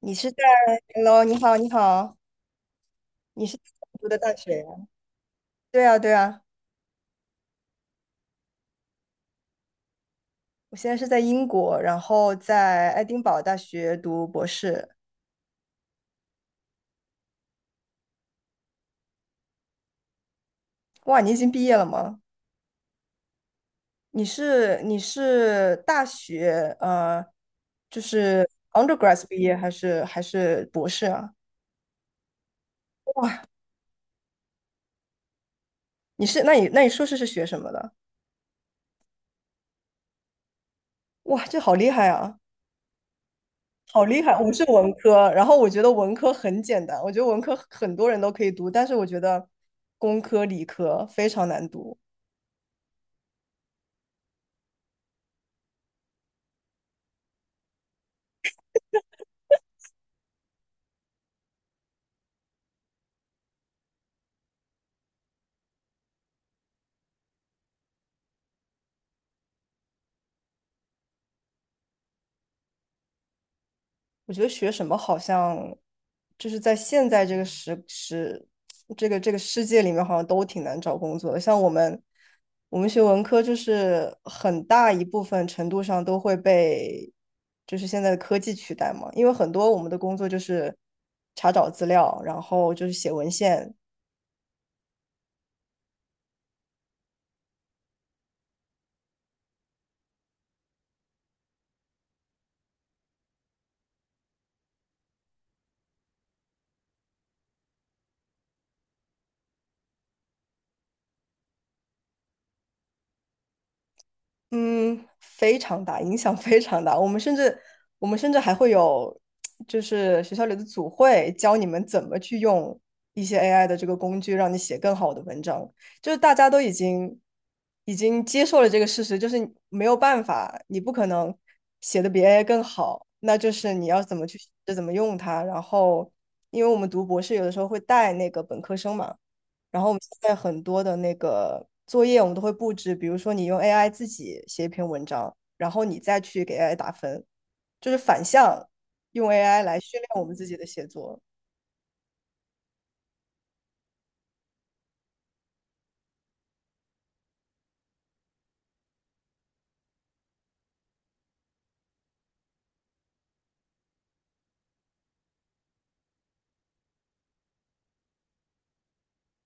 你是在 Hello，你好，你好，你是在读的大学呀？对啊，对啊，我现在是在英国，然后在爱丁堡大学读博士。哇，你已经毕业了吗？你是大学就是 undergrad 毕业还是博士啊？你是那你那你硕士是学什么的？哇，这好厉害啊！好厉害！我是文科，然后我觉得文科很简单，我觉得文科很多人都可以读，但是我觉得工科、理科非常难读。我觉得学什么好像就是在现在这个这个世界里面，好像都挺难找工作的。像我们学文科，就是很大一部分程度上都会被就是现在的科技取代嘛，因为很多我们的工作就是查找资料，然后就是写文献，嗯，非常大，影响非常大。我们甚至还会有，就是学校里的组会教你们怎么去用一些 AI 的这个工具，让你写更好的文章。就是大家都已经接受了这个事实，就是你没有办法，你不可能写的比 AI 更好，那就是你要怎么去学，怎么用它。然后，因为我们读博士有的时候会带那个本科生嘛。然后我们现在很多的那个作业，我们都会布置，比如说你用 AI 自己写一篇文章，然后你再去给 AI 打分，就是反向用 AI 来训练我们自己的写作。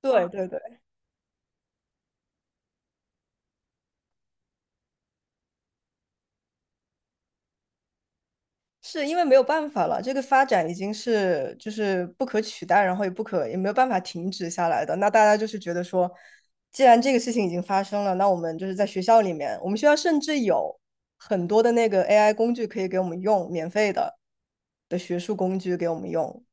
对对对。是因为没有办法了，这个发展已经是就是不可取代，然后也不可也没有办法停止下来的。那大家就是觉得说，既然这个事情已经发生了，那我们就是在学校里面，我们学校甚至有很多的那个 AI 工具可以给我们用，免费的学术工具给我们用。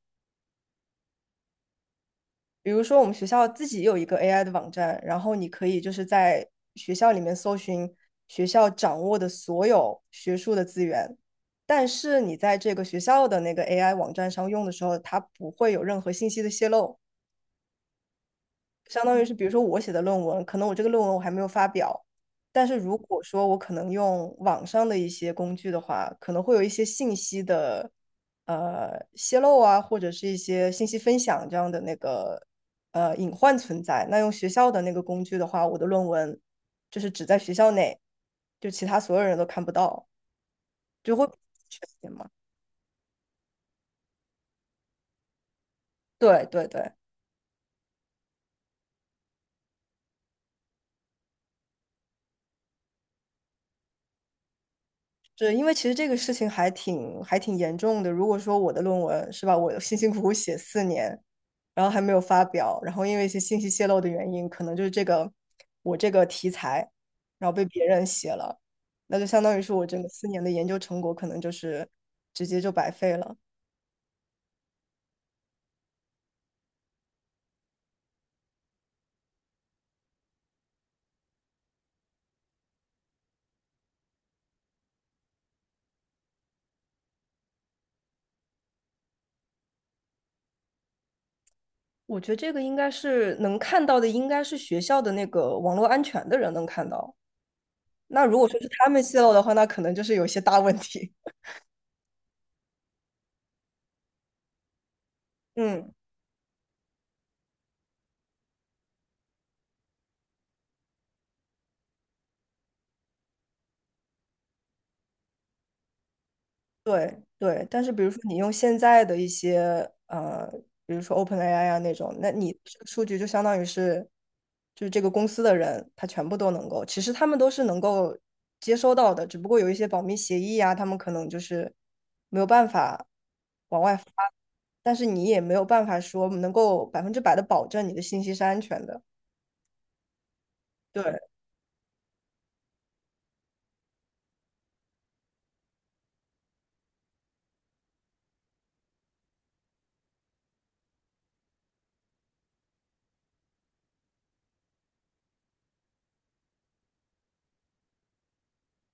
比如说我们学校自己有一个 AI 的网站，然后你可以就是在学校里面搜寻学校掌握的所有学术的资源，但是你在这个学校的那个 AI 网站上用的时候，它不会有任何信息的泄露。相当于是，比如说我写的论文，可能我这个论文我还没有发表，但是如果说我可能用网上的一些工具的话，可能会有一些信息的泄露啊，或者是一些信息分享这样的那个隐患存在。那用学校的那个工具的话，我的论文就是只在学校内，就其他所有人都看不到，就会全点嘛。对对对，是因为其实这个事情还挺严重的。如果说我的论文是吧，我辛辛苦苦写四年，然后还没有发表，然后因为一些信息泄露的原因，可能就是这个我这个题材，然后被别人写了，那就相当于是我整个四年的研究成果可能就是直接就白费了。我觉得这个应该是能看到的，应该是学校的那个网络安全的人能看到。那如果说是他们泄露的话，那可能就是有些大问题。嗯。对对，但是比如说你用现在的一些比如说 OpenAI 啊那种，那你这个数据就相当于是，就是这个公司的人，他全部都能够，其实他们都是能够接收到的，只不过有一些保密协议啊，他们可能就是没有办法往外发，但是你也没有办法说能够百分之百的保证你的信息是安全的。对，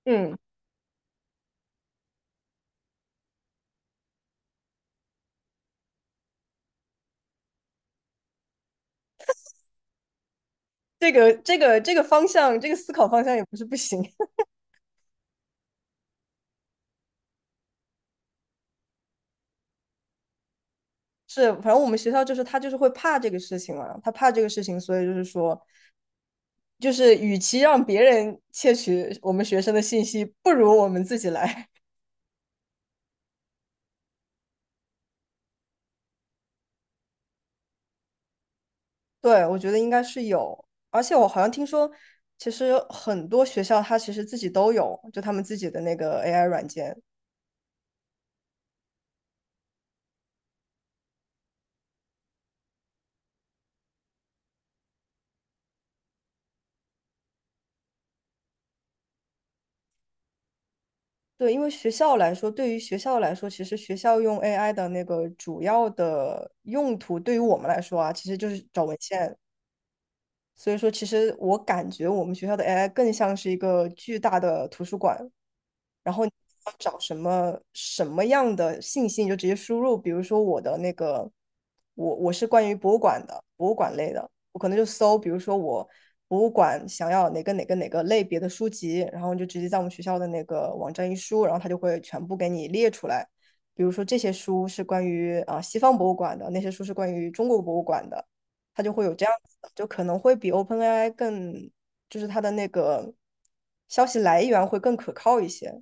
嗯，这个方向，这个思考方向也不是不行。是，反正我们学校就是他就是会怕这个事情嘛，他怕这个事情，所以就是说，就是与其让别人窃取我们学生的信息，不如我们自己来。对，我觉得应该是有，而且我好像听说，其实很多学校它其实自己都有，就他们自己的那个 AI 软件。对，因为学校来说，对于学校来说，其实学校用 AI 的那个主要的用途，对于我们来说啊，其实就是找文献。所以说，其实我感觉我们学校的 AI 更像是一个巨大的图书馆，然后你要找什么什么样的信息，你就直接输入。比如说我的那个，我是关于博物馆的，博物馆类的，我可能就搜，比如说我博物馆想要哪个类别的书籍，然后你就直接在我们学校的那个网站一输，然后它就会全部给你列出来。比如说这些书是关于啊、西方博物馆的，那些书是关于中国博物馆的，它就会有这样子的，就可能会比 OpenAI 更，就是它的那个消息来源会更可靠一些。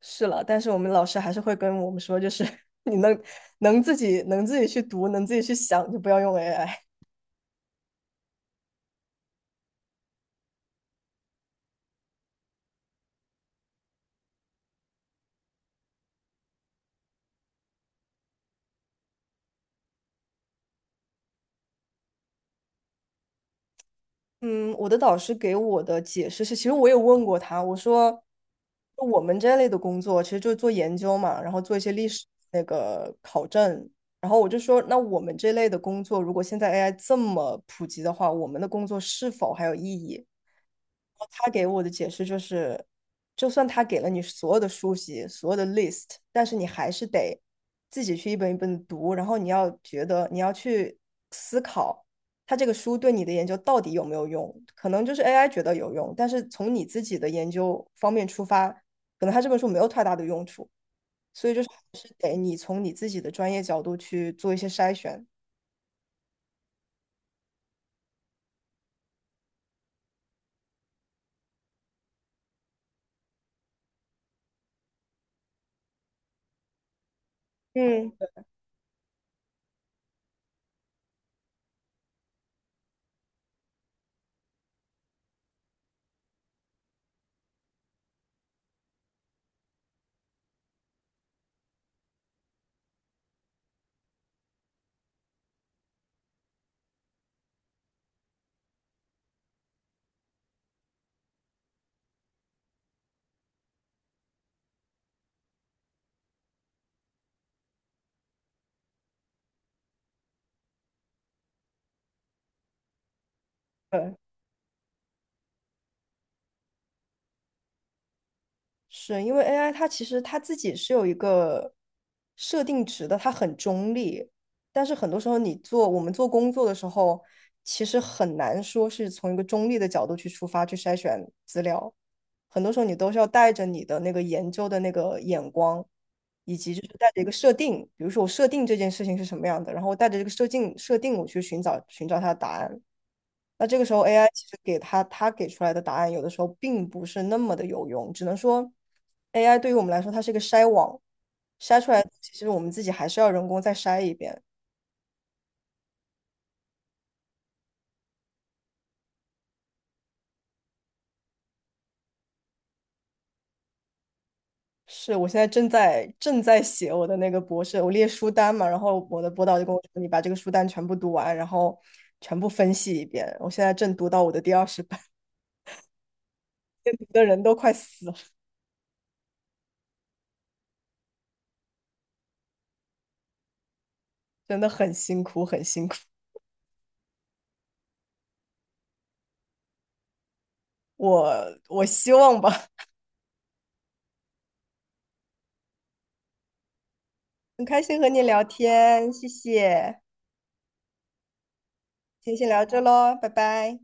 是了，但是我们老师还是会跟我们说，就是 你能能自己去读，能自己去想，就不要用 AI。嗯，我的导师给我的解释是，其实我有问过他，我说，我们这类的工作其实就是做研究嘛，然后做一些历史那个考证，然后我就说，那我们这类的工作，如果现在 AI 这么普及的话，我们的工作是否还有意义？他给我的解释就是，就算他给了你所有的书籍、所有的 list，但是你还是得自己去一本一本地读，然后你要觉得你要去思考，它这个书对你的研究到底有没有用？可能就是 AI 觉得有用，但是从你自己的研究方面出发，可能它这本书没有太大的用处，所以就是还是得你从你自己的专业角度去做一些筛选。嗯，对，是因为 AI 它其实它自己是有一个设定值的，它很中立，但是很多时候我们做工作的时候，其实很难说是从一个中立的角度去出发去筛选资料，很多时候你都是要带着你的那个研究的那个眼光，以及就是带着一个设定，比如说我设定这件事情是什么样的，然后带着这个设定我去寻找它的答案。那这个时候 AI 其实他给出来的答案，有的时候并不是那么的有用，只能说 AI 对于我们来说，它是一个筛网，筛出来的东西其实我们自己还是要人工再筛一遍。是我现在正在写我的那个博士，我列书单嘛，然后我的博导就跟我说，你把这个书单全部读完，然后全部分析一遍。我现在正读到我的第20版，读的人都快死了，真的很辛苦，很辛苦。我希望吧，很开心和你聊天，谢谢。先聊这喽，拜拜。